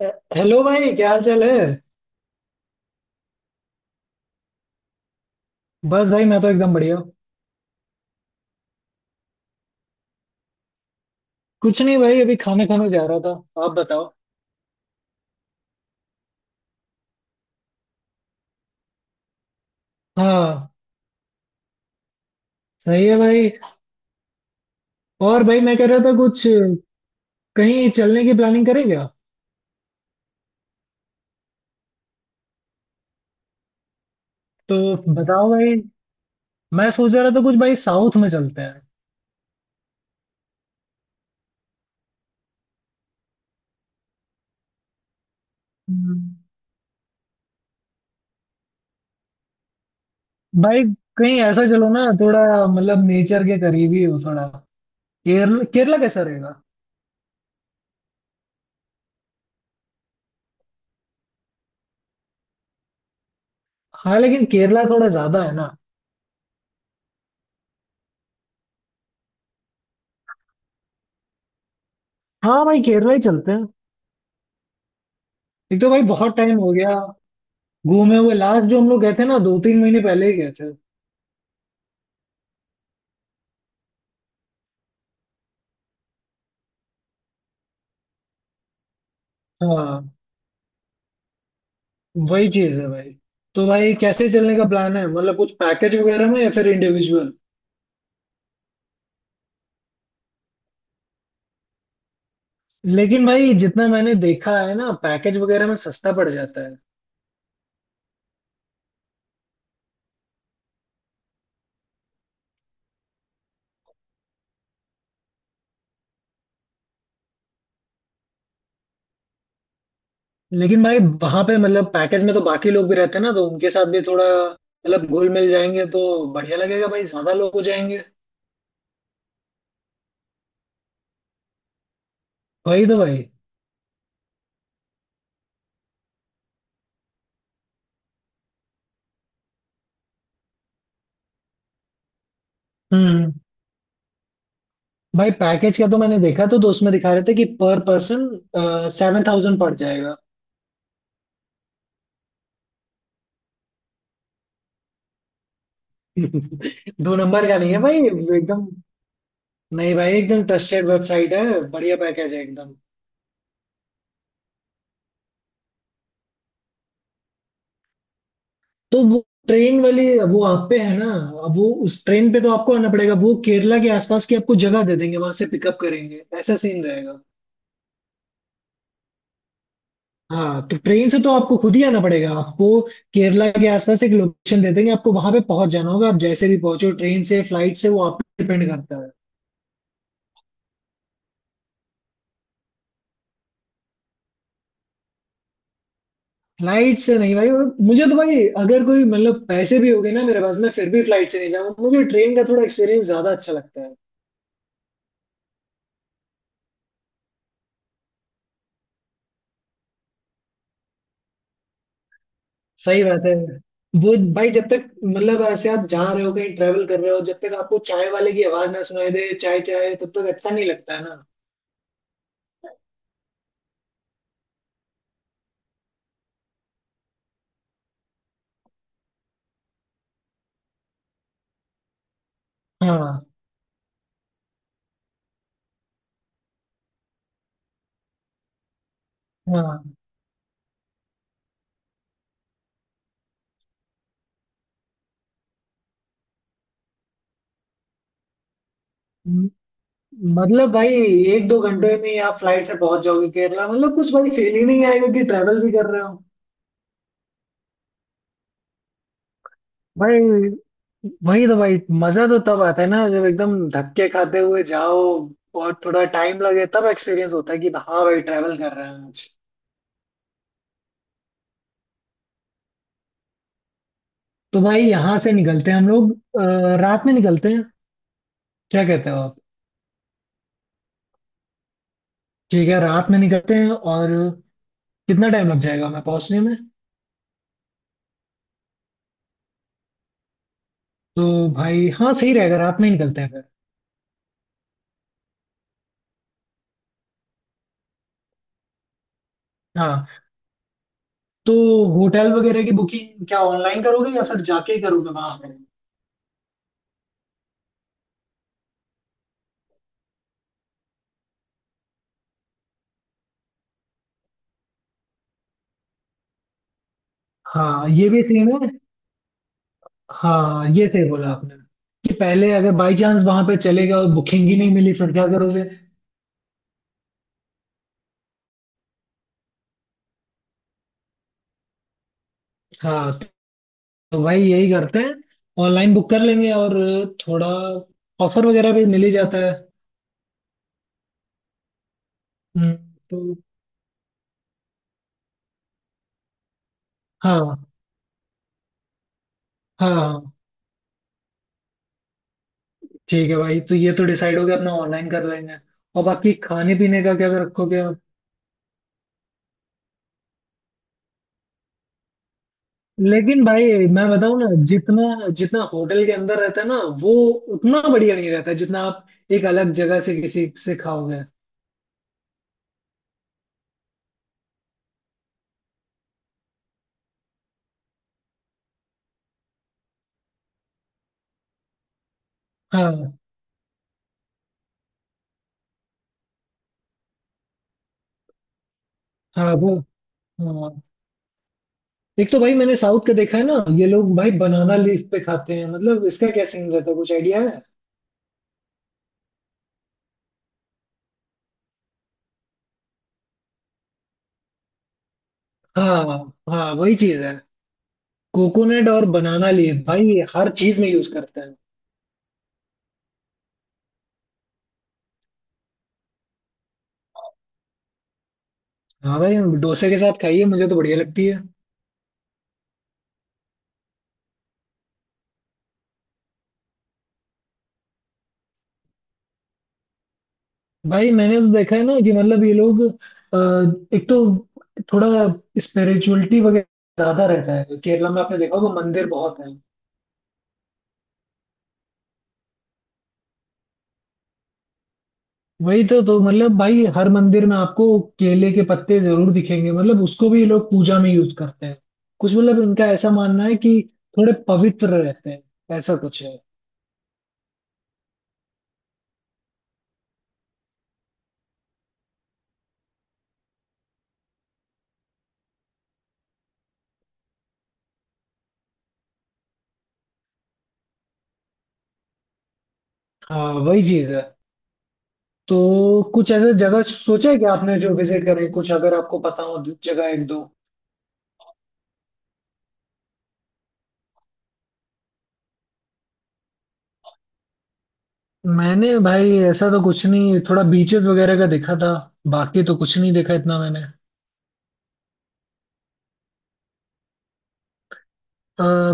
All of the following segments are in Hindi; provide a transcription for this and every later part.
अ- हेलो भाई, क्या हाल चाल है। बस भाई, मैं तो एकदम बढ़िया हूँ। कुछ नहीं भाई, अभी खाना खाने जा रहा था। आप बताओ। हाँ, सही है भाई। और भाई मैं कह रहा था कुछ, कहीं चलने की प्लानिंग करें क्या। तो बताओ भाई, मैं सोच रहा था कुछ भाई, साउथ में चलते हैं। हम्म। भाई कहीं ऐसा चलो ना थोड़ा, मतलब नेचर के करीब ही हो थोड़ा। केरला, केरला कैसा रहेगा। हाँ लेकिन केरला थोड़ा ज्यादा है ना। हाँ भाई, केरला ही चलते हैं। एक तो भाई बहुत टाइम हो गया घूमे हुए, लास्ट जो हम लोग गए थे ना 2 3 महीने पहले ही गए थे। हाँ वही चीज है भाई। तो भाई कैसे चलने का प्लान है, मतलब कुछ पैकेज वगैरह में या फिर इंडिविजुअल। लेकिन भाई जितना मैंने देखा है ना, पैकेज वगैरह में सस्ता पड़ जाता है। लेकिन भाई वहां पे मतलब पैकेज में तो बाकी लोग भी रहते हैं ना, तो उनके साथ भी थोड़ा मतलब घुल मिल जाएंगे, तो बढ़िया लगेगा भाई, ज्यादा लोग हो जाएंगे। वही तो भाई। हम्म। भाई पैकेज का तो मैंने देखा तो उसमें दिखा रहे थे कि पर पर्सन 7,000 पड़ जाएगा। दो नंबर का नहीं है भाई, एकदम। नहीं भाई, एकदम ट्रस्टेड वेबसाइट है। बढ़िया पैकेज है एकदम। तो वो ट्रेन वाली, वो आप पे है ना। अब वो उस ट्रेन पे तो आपको आना पड़ेगा, वो केरला के आसपास की आपको जगह दे देंगे, वहां से पिकअप करेंगे, ऐसा सीन रहेगा। हाँ तो ट्रेन से तो आपको खुद ही आना पड़ेगा आपको। केरला के आसपास एक लोकेशन दे देंगे आपको, वहां पे पहुंच जाना होगा, आप जैसे भी पहुंचो, ट्रेन से फ्लाइट से, वो आप पे डिपेंड करता है। फ्लाइट से नहीं भाई। मुझे तो भाई अगर कोई मतलब पैसे भी हो गए ना मेरे पास, मैं फिर भी फ्लाइट से नहीं जाऊंगा, मुझे ट्रेन का थोड़ा एक्सपीरियंस ज्यादा अच्छा लगता है। सही बात है। वो भाई जब तक मतलब ऐसे आप जा रहे हो कहीं, ट्रेवल कर रहे हो, जब तक आपको चाय वाले की आवाज ना सुनाई दे चाय चाय, तब तक अच्छा नहीं लगता है ना। हाँ। हाँ। म- मतलब भाई 1 2 घंटे में ही आप फ्लाइट से पहुंच जाओगे केरला, मतलब कुछ भाई फील ही नहीं आएगा कि ट्रेवल भी कर रहे हो। भाई वही तो भाई, मजा तो तब आता है ना जब एकदम धक्के खाते हुए जाओ और थोड़ा टाइम लगे, तब एक्सपीरियंस होता है कि हाँ भाई ट्रैवल कर रहे हैं आज। तो भाई यहाँ से निकलते हैं हम लोग, रात में निकलते हैं, क्या कहते हो आप। ठीक है, रात में निकलते हैं और कितना टाइम लग जाएगा हमें पहुंचने में। तो भाई हाँ, सही रहेगा, रात में ही निकलते हैं फिर। हाँ। तो होटल वगैरह की बुकिंग क्या ऑनलाइन करोगे या फिर जाके ही करोगे वहां पे। हाँ ये भी सीन है। हाँ ये सही बोला आपने, कि पहले अगर बाई चांस वहां पे चले गए और बुकिंग ही नहीं मिली फिर क्या करोगे। हाँ तो भाई यही करते हैं, ऑनलाइन बुक कर लेंगे, और थोड़ा ऑफर वगैरह भी मिल ही जाता है। हम्म। तो हाँ, हाँ हाँ, ठीक है भाई। तो ये तो डिसाइड हो गया अपना, ऑनलाइन कर लेंगे और बाकी खाने पीने का क्या रखोगे आप। लेकिन भाई मैं बताऊं ना, जितना जितना होटल के अंदर रहता है ना वो उतना बढ़िया नहीं रहता, जितना आप एक अलग जगह से किसी से खाओगे। हाँ। हाँ। वो। हाँ एक तो भाई मैंने साउथ का देखा है ना, ये लोग भाई बनाना लीफ पे खाते हैं, मतलब इसका क्या सीन रहता है, कुछ आइडिया है। हाँ। हाँ वही चीज है, कोकोनट और बनाना लीफ भाई हर चीज में यूज करते हैं। हाँ भाई डोसे के साथ खाइए, मुझे तो बढ़िया लगती है। भाई मैंने तो देखा है ना कि मतलब ये लोग, एक तो थोड़ा स्पिरिचुअलिटी वगैरह ज्यादा रहता है केरला में, आपने देखा होगा मंदिर बहुत है। वही तो मतलब भाई हर मंदिर में आपको केले के पत्ते जरूर दिखेंगे, मतलब उसको भी ये लोग पूजा में यूज करते हैं, कुछ मतलब इनका ऐसा मानना है कि थोड़े पवित्र रहते हैं, ऐसा कुछ है। हाँ वही चीज है। तो कुछ ऐसा जगह सोचा है कि आपने जो विजिट करें कुछ, अगर आपको पता हो जगह एक दो। मैंने भाई ऐसा तो कुछ नहीं, थोड़ा बीचेस वगैरह का देखा था, बाकी तो कुछ नहीं देखा इतना मैंने।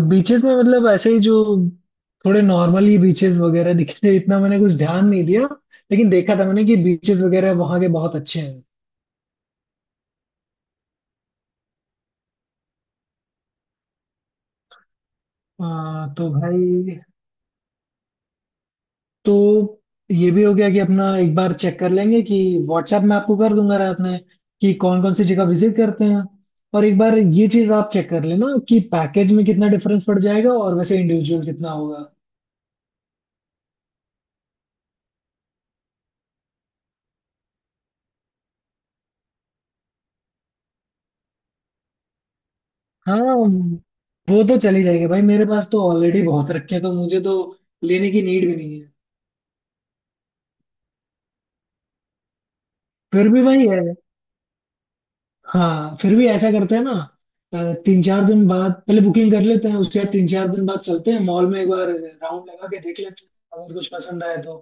बीचेस में मतलब ऐसे ही जो थोड़े नॉर्मल ही बीचेस वगैरह दिखे थे, इतना मैंने कुछ ध्यान नहीं दिया, लेकिन देखा था मैंने कि बीचेस वगैरह वहाँ के बहुत अच्छे हैं। तो भाई, तो ये भी हो गया कि अपना एक बार चेक कर लेंगे कि, व्हाट्सएप में आपको कर दूंगा रात में कि कौन कौन सी जगह विजिट करते हैं, और एक बार ये चीज आप चेक कर लेना कि पैकेज में कितना डिफरेंस पड़ जाएगा और वैसे इंडिविजुअल कितना होगा। हाँ वो तो चली जाएगी भाई, मेरे पास तो ऑलरेडी बहुत रखे हैं, तो मुझे तो लेने की नीड भी नहीं है। फिर भी वही है। हाँ फिर भी ऐसा करते हैं ना। अ, 3 4 दिन बाद पहले बुकिंग कर लेते हैं, उसके बाद 3 4 दिन बाद चलते हैं मॉल में, एक बार राउंड लगा के देख लेते हैं अगर कुछ पसंद आए तो।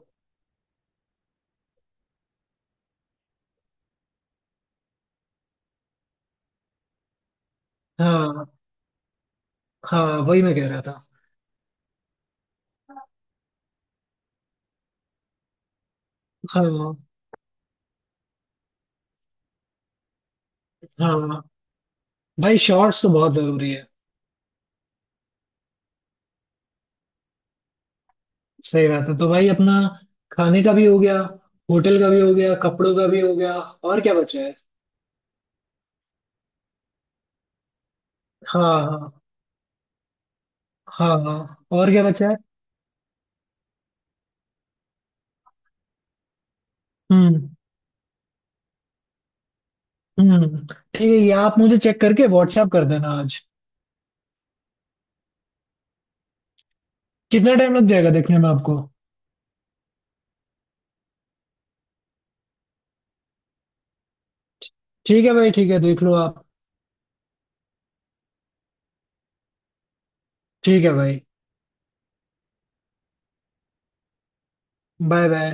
हाँ। हाँ वही मैं कह रहा था। हाँ। हाँ भाई शॉर्ट्स तो बहुत जरूरी है। सही बात है। तो भाई अपना खाने का भी हो गया, होटल का भी हो गया, कपड़ों का भी हो गया, और क्या बचा है। हाँ हाँ। हाँ हाँ और क्या बचा है। हम्म। हम्म, ठीक है, ये आप मुझे चेक करके व्हाट्सएप कर देना आज। कितना टाइम लग जाएगा देखने में आपको। ठीक है भाई, ठीक है, देख लो आप। ठीक है भाई। Bye bye.